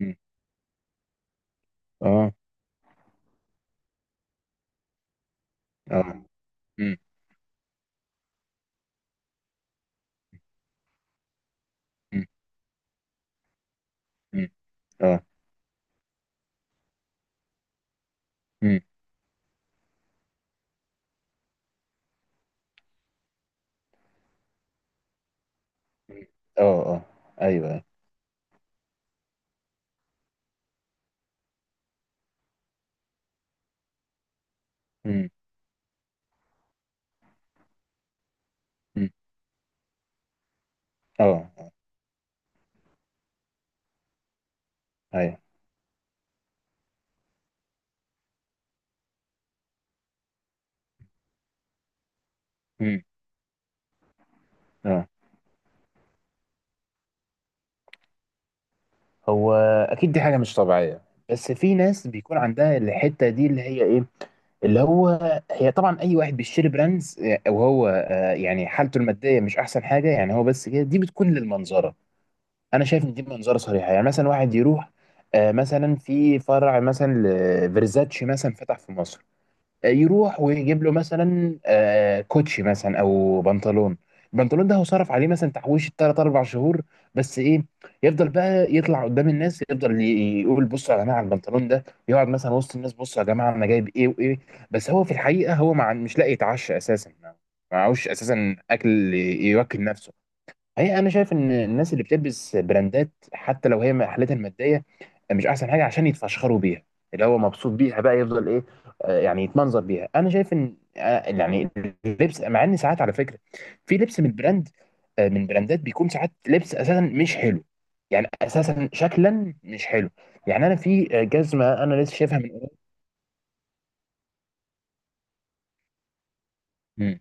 مم. اه. اه. مم. مم. مم. اه. مم. مم. اه. اه. ايوه. مم. مم. اه. اه. ايوه. مم. اه. هو اكيد دي حاجه مش طبيعيه. بس في ناس بيكون عندها الحته دي اللي هي ايه اللي هو هي طبعا اي واحد بيشتري براندز وهو يعني حالته الماديه مش احسن حاجه، يعني هو بس كده دي بتكون للمنظره. انا شايف ان دي منظره صريحه. يعني مثلا واحد يروح مثلا في فرع مثلا لفيرزاتشي مثلا فتح في مصر، يروح ويجيب له مثلا كوتشي مثلا او بنطلون. البنطلون ده هو صرف عليه مثلا تحويش 3 4 شهور. بس ايه؟ يفضل بقى يطلع قدام الناس، يفضل يقول بصوا يا جماعه على البنطلون ده، يقعد مثلا وسط الناس بصوا يا جماعه انا جايب ايه وايه. بس هو في الحقيقه هو مع مش لاقي يتعشى اساسا، ما معهوش اساسا اكل يوكل نفسه. هي انا شايف ان الناس اللي بتلبس براندات حتى لو هي حالتها الماديه مش احسن حاجه، عشان يتفشخروا بيها، اللي هو مبسوط بيها بقى، يفضل ايه يعني يتمنظر بيها. انا شايف ان يعني اللبس، مع ان ساعات على فكره في لبس من براند من براندات، بيكون ساعات لبس اساسا مش حلو. يعني اساسا شكلا مش حلو. يعني انا في جزمه انا لسه شايفها من قريب. مم.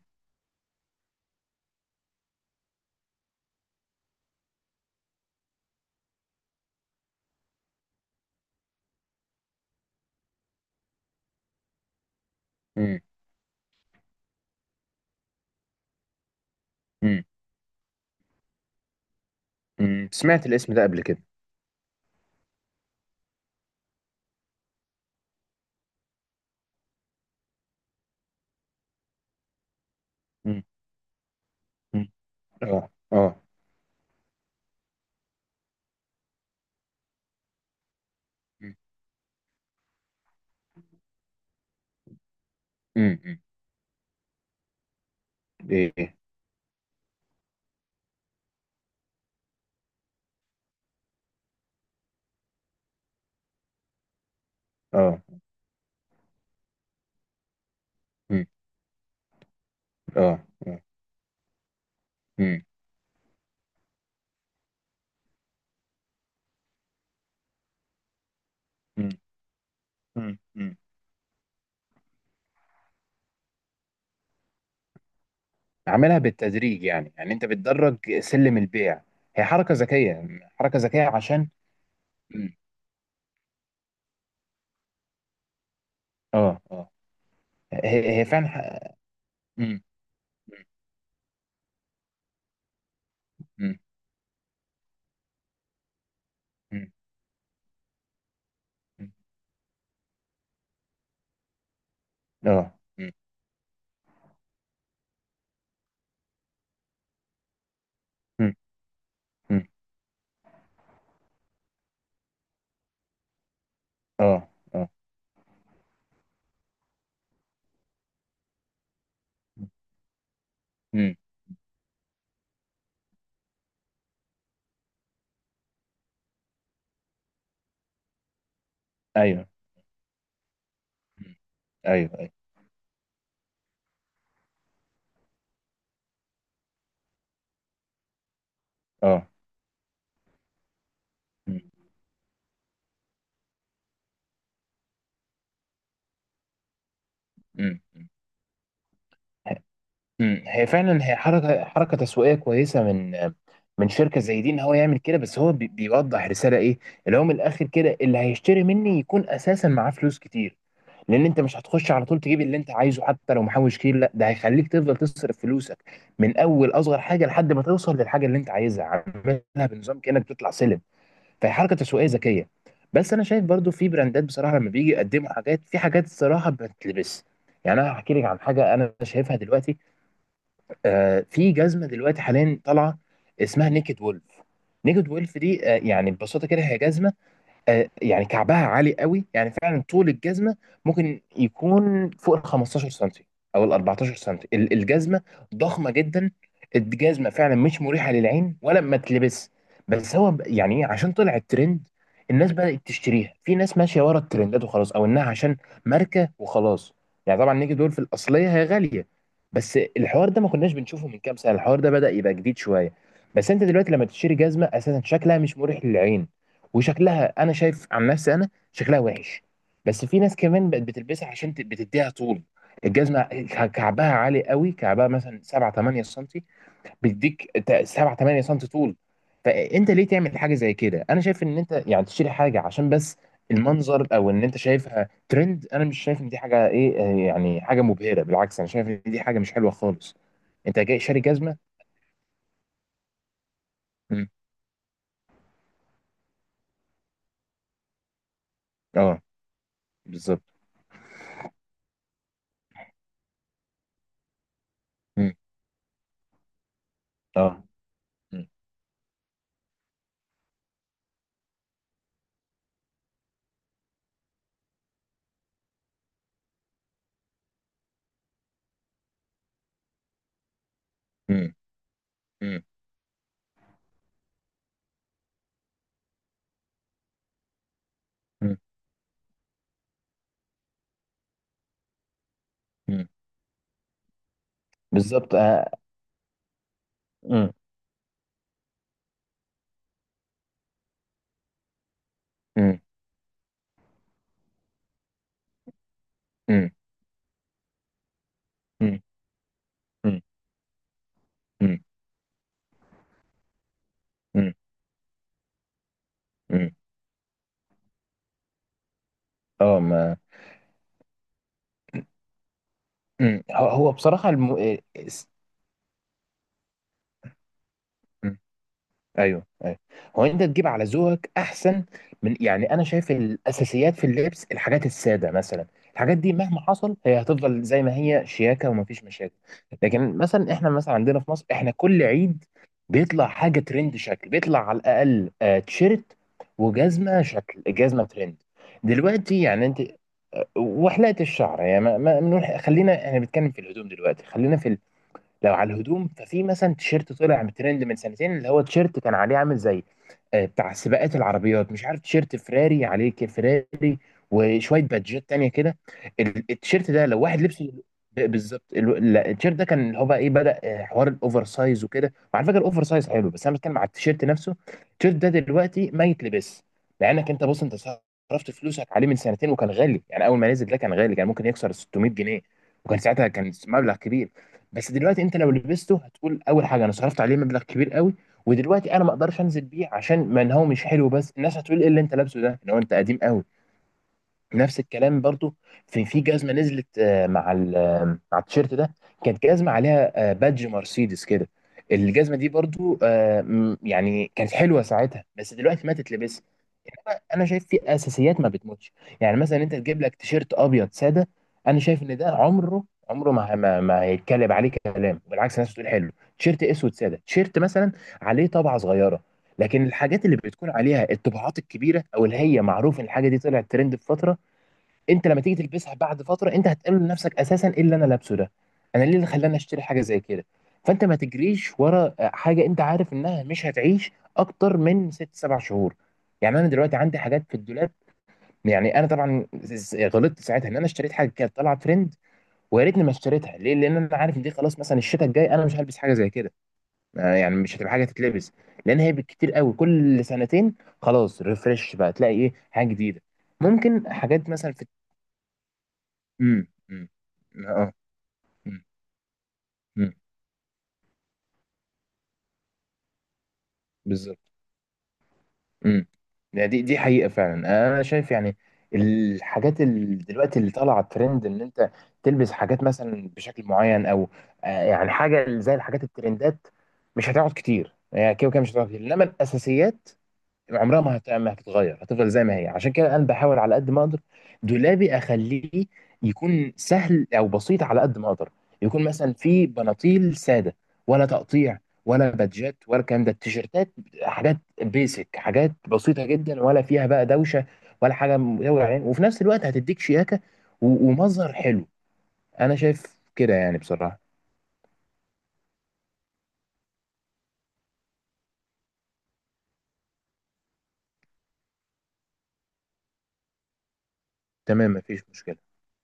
مم. مم. مم. سمعت الاسم ده قبل كده. مم. مم. اه. اه. مم. مم. مم. ايه. إيه. اه. مم. اه. آه. مم. مم. مم. مم. عاملها بالتدريج، يعني انت بتدرج سلم البيع. هي حركه ذكيه. حركه ذكيه عشان... مم. اه. اه. هي فعلا مم. مم. مم. مم. اه. مم. مم. مم. اه. اه. مم. ايوه. مم. ايوه. ايوه. اه. مم. مم. مم. هي فعلا هي حركه تسويقيه كويسه، من شركه زي دي، ان هو يعمل كده. بس هو بيوضح رساله ايه؟ اللي هو من الاخر كده، اللي هيشتري مني يكون اساسا معاه فلوس كتير، لان انت مش هتخش على طول تجيب اللي انت عايزه حتى لو محوش كتير، لا، ده هيخليك تفضل تصرف فلوسك من اول اصغر حاجه لحد ما توصل للحاجه اللي انت عايزها. عاملها بنظام كانك بتطلع سلم. فهي حركه تسويقيه ذكيه. بس انا شايف برضو في براندات بصراحه لما بيجي يقدموا حاجات في حاجات، الصراحه بتلبس. يعني انا هحكي لك عن حاجه انا شايفها دلوقتي. في جزمه دلوقتي حاليا طالعه اسمها نيكد وولف. نيكد وولف دي يعني ببساطه كده هي جزمه. يعني كعبها عالي قوي، يعني فعلا طول الجزمه ممكن يكون فوق ال 15 سنتي او ال 14 سنتي. الجزمه ضخمه جدا. الجزمه فعلا مش مريحه للعين ولا ما تلبس. بس هو يعني إيه، عشان طلع الترند، الناس بدات تشتريها. في ناس ماشيه ورا الترندات وخلاص، او انها عشان ماركه وخلاص. يعني طبعا نيجي دول في الاصليه هي غاليه. بس الحوار ده ما كناش بنشوفه من كام سنه، الحوار ده بدا يبقى جديد شويه. بس انت دلوقتي لما تشتري جزمه اساسا شكلها مش مريح للعين، وشكلها انا شايف عن نفسي انا شكلها وحش. بس في ناس كمان بقت بتلبسها عشان بتديها طول. الجزمه كعبها عالي قوي، كعبها مثلا 7 8 سم، بيديك 7 8 سم طول. فانت ليه تعمل حاجه زي كده؟ انا شايف ان انت يعني تشتري حاجه عشان بس المنظر، او ان انت شايفها ترند. انا مش شايف ان دي حاجه ايه، يعني حاجه مبهره، بالعكس انا شايف ان دي حاجه مش حلوه خالص. انت جاي شاري جزمه. مم. اه. بالظبط. مم. اه. مم. مم. مم. مم. بالظبط. آه. مم. مم. مم. مم. مم. مم. مم. مم. اه. ما. مم. هو بصراحة مم. ايوه. ايوه. هو انت تجيب على ذوقك احسن، من يعني انا شايف الاساسيات في اللبس، الحاجات السادة مثلا، الحاجات دي مهما حصل هي هتفضل زي ما هي شياكة، ومفيش مشاكل. لكن مثلا احنا مثلا عندنا في مصر احنا كل عيد بيطلع حاجة ترند، شكل بيطلع على الاقل تيشيرت وجزمة، شكل جزمة ترند. دلوقتي يعني انت... وحلقه الشعر يعني ما ما خلينا احنا بنتكلم في الهدوم دلوقتي. خلينا في... لو على الهدوم ففي مثلا تيشيرت طلع ترند من سنتين، اللي هو تيشيرت كان عليه عامل زي بتاع سباقات العربيات، مش عارف، تيشيرت فراري عليه فراري وشويه بادجات تانية كده. التيشيرت ده لو واحد لبسه بالظبط لا، التيشيرت ده كان اللي هو بقى ايه، بدأ حوار الاوفر سايز وكده، وعلى فكره الاوفر سايز حلو، بس انا بتكلم على التيشيرت نفسه. التيشيرت ده دلوقتي ما يتلبس، لانك انت بص، انت صرفت فلوسك عليه من سنتين وكان غالي، يعني اول ما نزل ده كان غالي، كان ممكن يكسر 600 جنيه، وكان ساعتها كان مبلغ كبير. بس دلوقتي انت لو لبسته هتقول اول حاجه انا صرفت عليه مبلغ كبير قوي، ودلوقتي انا ما اقدرش انزل بيه، عشان ما إن هو مش حلو، بس الناس هتقول ايه اللي انت لابسه ده، ان هو انت قديم قوي. نفس الكلام برضو. في جزمه نزلت آه، مع ال- آه، مع التيشيرت ده، كانت جزمه عليها بادج مرسيدس كده. الجزمه دي برضو يعني كانت حلوه ساعتها، بس دلوقتي ما تتلبس. انا شايف في اساسيات ما بتموتش، يعني مثلا انت تجيب لك تيشيرت ابيض ساده، انا شايف ان ده عمره ما هيتكلم عليه كلام، بالعكس الناس بتقول حلو. تيشيرت اسود ساده، تيشيرت مثلا عليه طبعه صغيره. لكن الحاجات اللي بتكون عليها الطباعات الكبيره، او اللي هي معروف ان الحاجه دي طلعت ترند في فتره، انت لما تيجي تلبسها بعد فتره انت هتقول لنفسك اساسا ايه اللي انا لابسه ده؟ انا ليه اللي خلاني اشتري حاجه زي كده؟ فانت ما تجريش ورا حاجه انت عارف انها مش هتعيش اكتر من ست سبع شهور. يعني انا دلوقتي عندي حاجات في الدولاب، يعني انا طبعا غلطت ساعتها ان انا اشتريت حاجه كانت طالعه ترند، ويا ريتني ما اشتريتها. ليه؟ لان انا عارف ان دي خلاص، مثلا الشتاء الجاي انا مش هلبس حاجه زي كده، يعني مش هتبقى حاجه تتلبس. لان هي بالكتير قوي كل سنتين خلاص، ريفرش بقى تلاقي ايه حاجه جديده، ممكن حاجات مثلا في... امم. امم. اه. امم. امم. بالظبط. امم. يعني دي حقيقة فعلا. انا شايف يعني الحاجات اللي دلوقتي اللي طالعة ترند، ان انت تلبس حاجات مثلا بشكل معين، او يعني حاجة زي الحاجات الترندات، مش هتقعد كتير، يعني كده وكده مش هتقعد كتير، انما الاساسيات عمرها ما هتتغير، هتفضل زي ما هي. عشان كده انا بحاول على قد ما اقدر دولابي اخليه يكون سهل او بسيط، على قد ما اقدر يكون مثلا فيه بناطيل ساده، ولا تقطيع ولا بادجات ولا الكلام ده، التيشيرتات حاجات بيسك، حاجات بسيطه جدا، ولا فيها بقى دوشه ولا حاجه مدوره عين، وفي نفس الوقت هتديك شياكه ومظهر حلو. انا شايف كده يعني بصراحه. تمام مفيش مشكله.